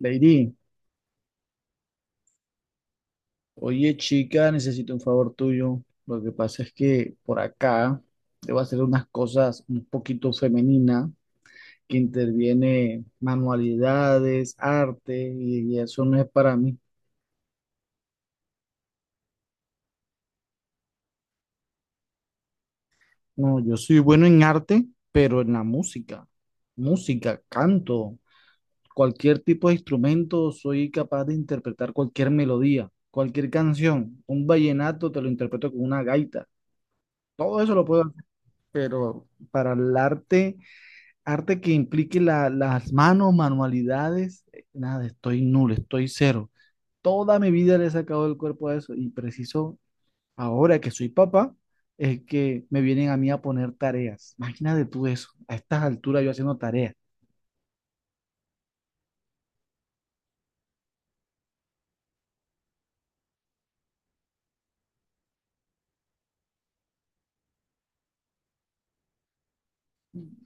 Lady, oye chica, necesito un favor tuyo. Lo que pasa es que por acá debo hacer unas cosas un poquito femeninas que interviene manualidades, arte, y eso no es para mí. No, yo soy bueno en arte, pero en la música, música, canto, cualquier tipo de instrumento, soy capaz de interpretar cualquier melodía, cualquier canción. Un vallenato te lo interpreto con una gaita. Todo eso lo puedo hacer, pero para el arte, arte que implique las manos, manualidades, nada, estoy nulo, estoy cero. Toda mi vida le he sacado el cuerpo a eso y preciso, ahora que soy papá, es que me vienen a mí a poner tareas. Imagínate tú eso, a estas alturas yo haciendo tareas.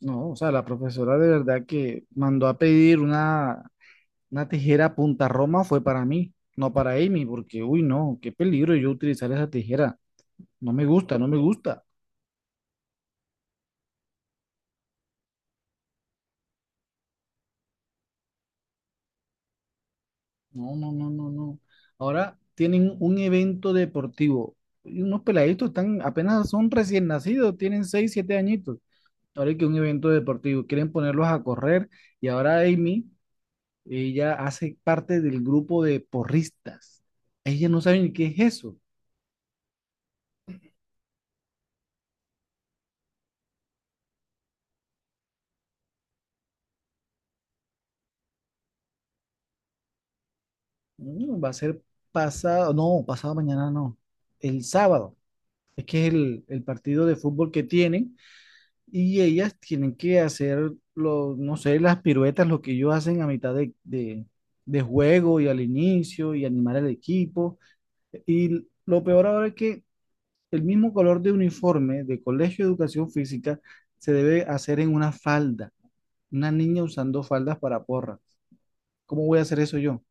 No, o sea, la profesora de verdad que mandó a pedir una tijera punta Roma fue para mí, no para Amy, porque, uy, no, qué peligro yo utilizar esa tijera. No me gusta, no me gusta. No, no, no, no, no. Ahora tienen un evento deportivo. Y unos peladitos están, apenas son recién nacidos, tienen 6, 7 añitos. Ahora hay que un evento deportivo. Quieren ponerlos a correr. Y ahora Amy, ella hace parte del grupo de porristas. Ella no sabe ni qué es eso. Va a ser pasado, no, pasado mañana no. El sábado. Es que es el partido de fútbol que tienen. Y ellas tienen que hacer, lo, no sé, las piruetas, lo que ellos hacen a mitad de juego y al inicio y animar al equipo. Y lo peor ahora es que el mismo color de uniforme de Colegio de Educación Física se debe hacer en una falda. Una niña usando faldas para porras. ¿Cómo voy a hacer eso yo?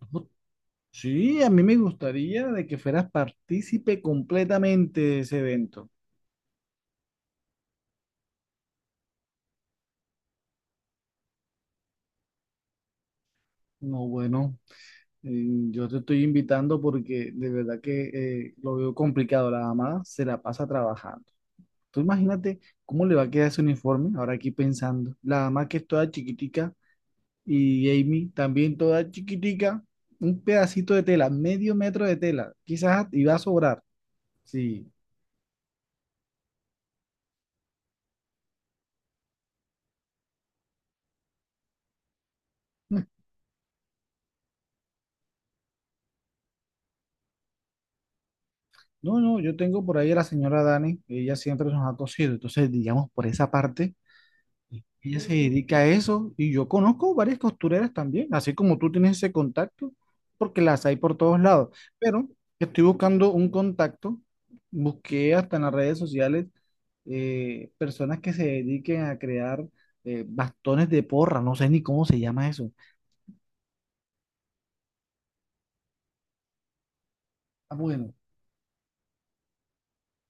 Ujú. Sí, a mí me gustaría de que fueras partícipe completamente de ese evento. No, bueno. Mm, yo te estoy invitando porque de verdad que lo veo complicado. La mamá se la pasa trabajando. Tú imagínate cómo le va a quedar ese uniforme ahora aquí pensando. La mamá que es toda chiquitica y Amy también toda chiquitica. Un pedacito de tela, medio metro de tela. Quizás iba a sobrar. Sí. Mm. No, no, yo tengo por ahí a la señora Dani. Ella siempre nos ha cosido. Entonces, digamos, por esa parte. Ella se dedica a eso y yo conozco varias costureras también, así como tú tienes ese contacto, porque las hay por todos lados. Pero estoy buscando un contacto, busqué hasta en las redes sociales personas que se dediquen a crear bastones de porra, no sé ni cómo se llama eso. Ah, bueno,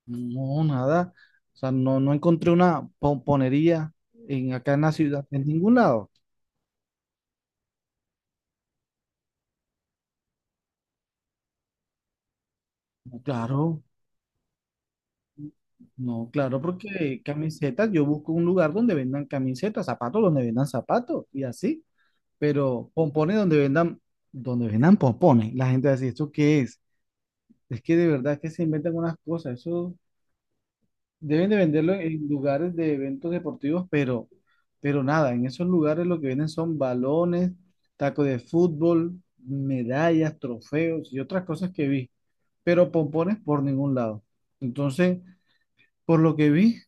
no, nada, o sea, no, no encontré una pomponería acá en la ciudad, en ningún lado. Claro. No, claro, porque camisetas, yo busco un lugar donde vendan camisetas, zapatos donde vendan zapatos y así, pero pompones donde vendan pompones. La gente va a decir, ¿esto qué es? Es que de verdad que se inventan unas cosas, eso deben de venderlo en lugares de eventos deportivos, pero nada, en esos lugares lo que venden son balones, tacos de fútbol, medallas, trofeos y otras cosas que vi, pero pompones por ningún lado. Entonces, por lo que vi,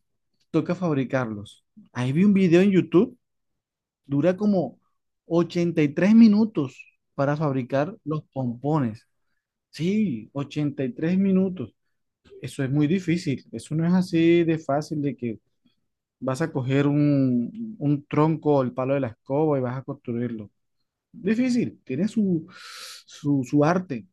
toca fabricarlos. Ahí vi un video en YouTube, dura como 83 minutos para fabricar los pompones. Sí, 83 minutos. Eso es muy difícil. Eso no es así de fácil de que vas a coger un tronco o el palo de la escoba y vas a construirlo. Difícil, tiene su arte.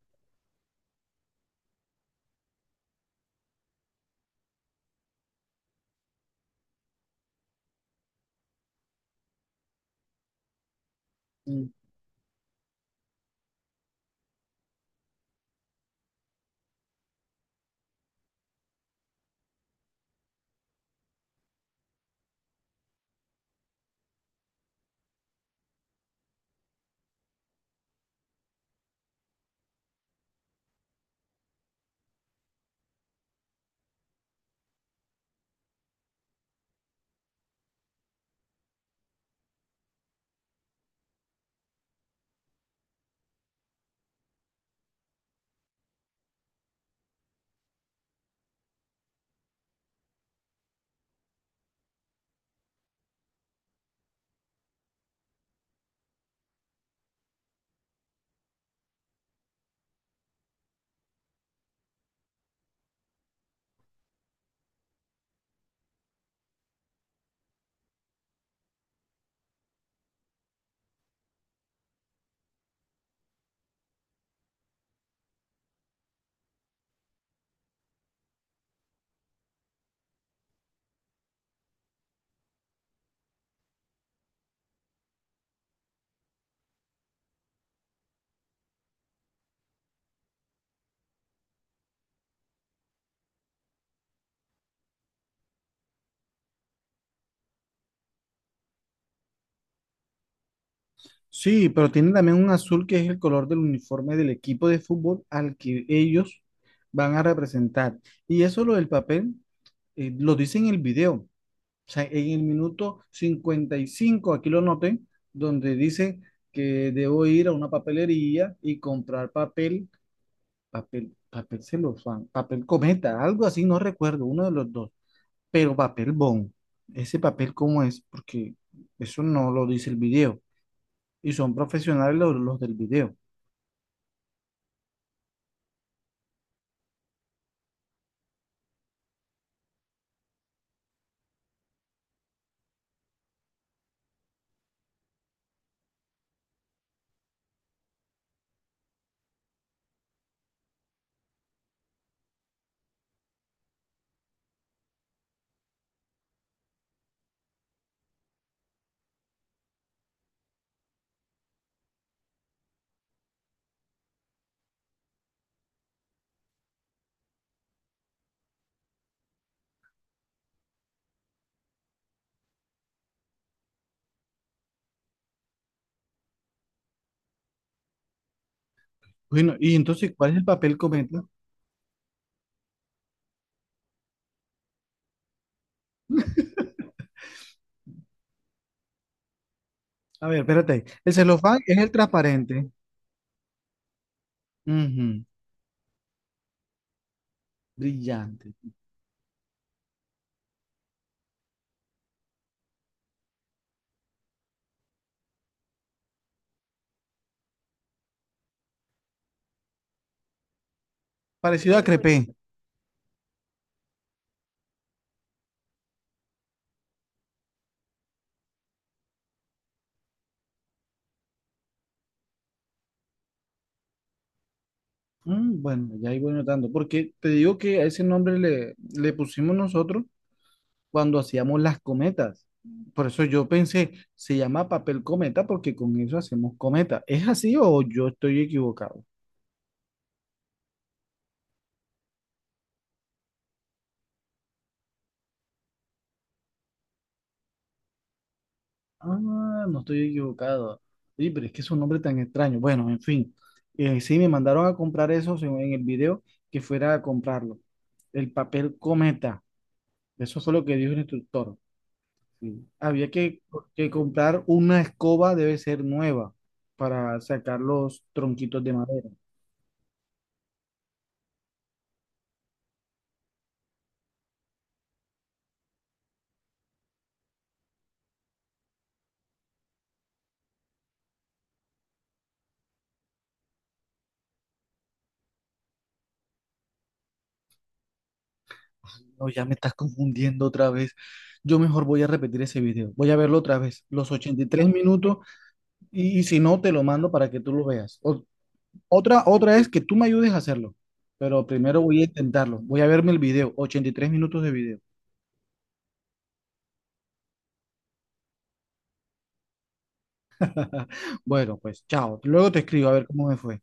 Sí, pero tiene también un azul que es el color del uniforme del equipo de fútbol al que ellos van a representar. Y eso lo del papel, lo dice en el video. O sea, en el minuto 55 aquí lo noté, donde dice que debo ir a una papelería y comprar papel celofán, papel cometa, algo así, no recuerdo, uno de los dos, pero papel bond. Ese papel, ¿cómo es? Porque eso no lo dice el video. Y son profesionales los del video. Bueno, y entonces, ¿cuál es el papel cometa? A ver, espérate. El celofán es el transparente. Ujú. Brillante. Parecido a crepé. Mm, bueno, ya ahí voy notando. Porque te digo que a ese nombre le pusimos nosotros cuando hacíamos las cometas. Por eso yo pensé, se llama papel cometa porque con eso hacemos cometa. ¿Es así o yo estoy equivocado? Ah, no estoy equivocado. Sí, pero es que es un nombre tan extraño. Bueno, en fin. Sí, me mandaron a comprar eso según en el video, que fuera a comprarlo. El papel cometa. Eso fue lo que dijo el instructor. Sí. Que comprar una escoba, debe ser nueva, para sacar los tronquitos de madera. No, ya me estás confundiendo otra vez. Yo mejor voy a repetir ese video. Voy a verlo otra vez, los 83 minutos, y si no, te lo mando para que tú lo veas. O Otra, otra es que tú me ayudes a hacerlo, pero primero voy a intentarlo. Voy a verme el video, 83 minutos de video. Bueno, pues chao. Luego te escribo a ver cómo me fue.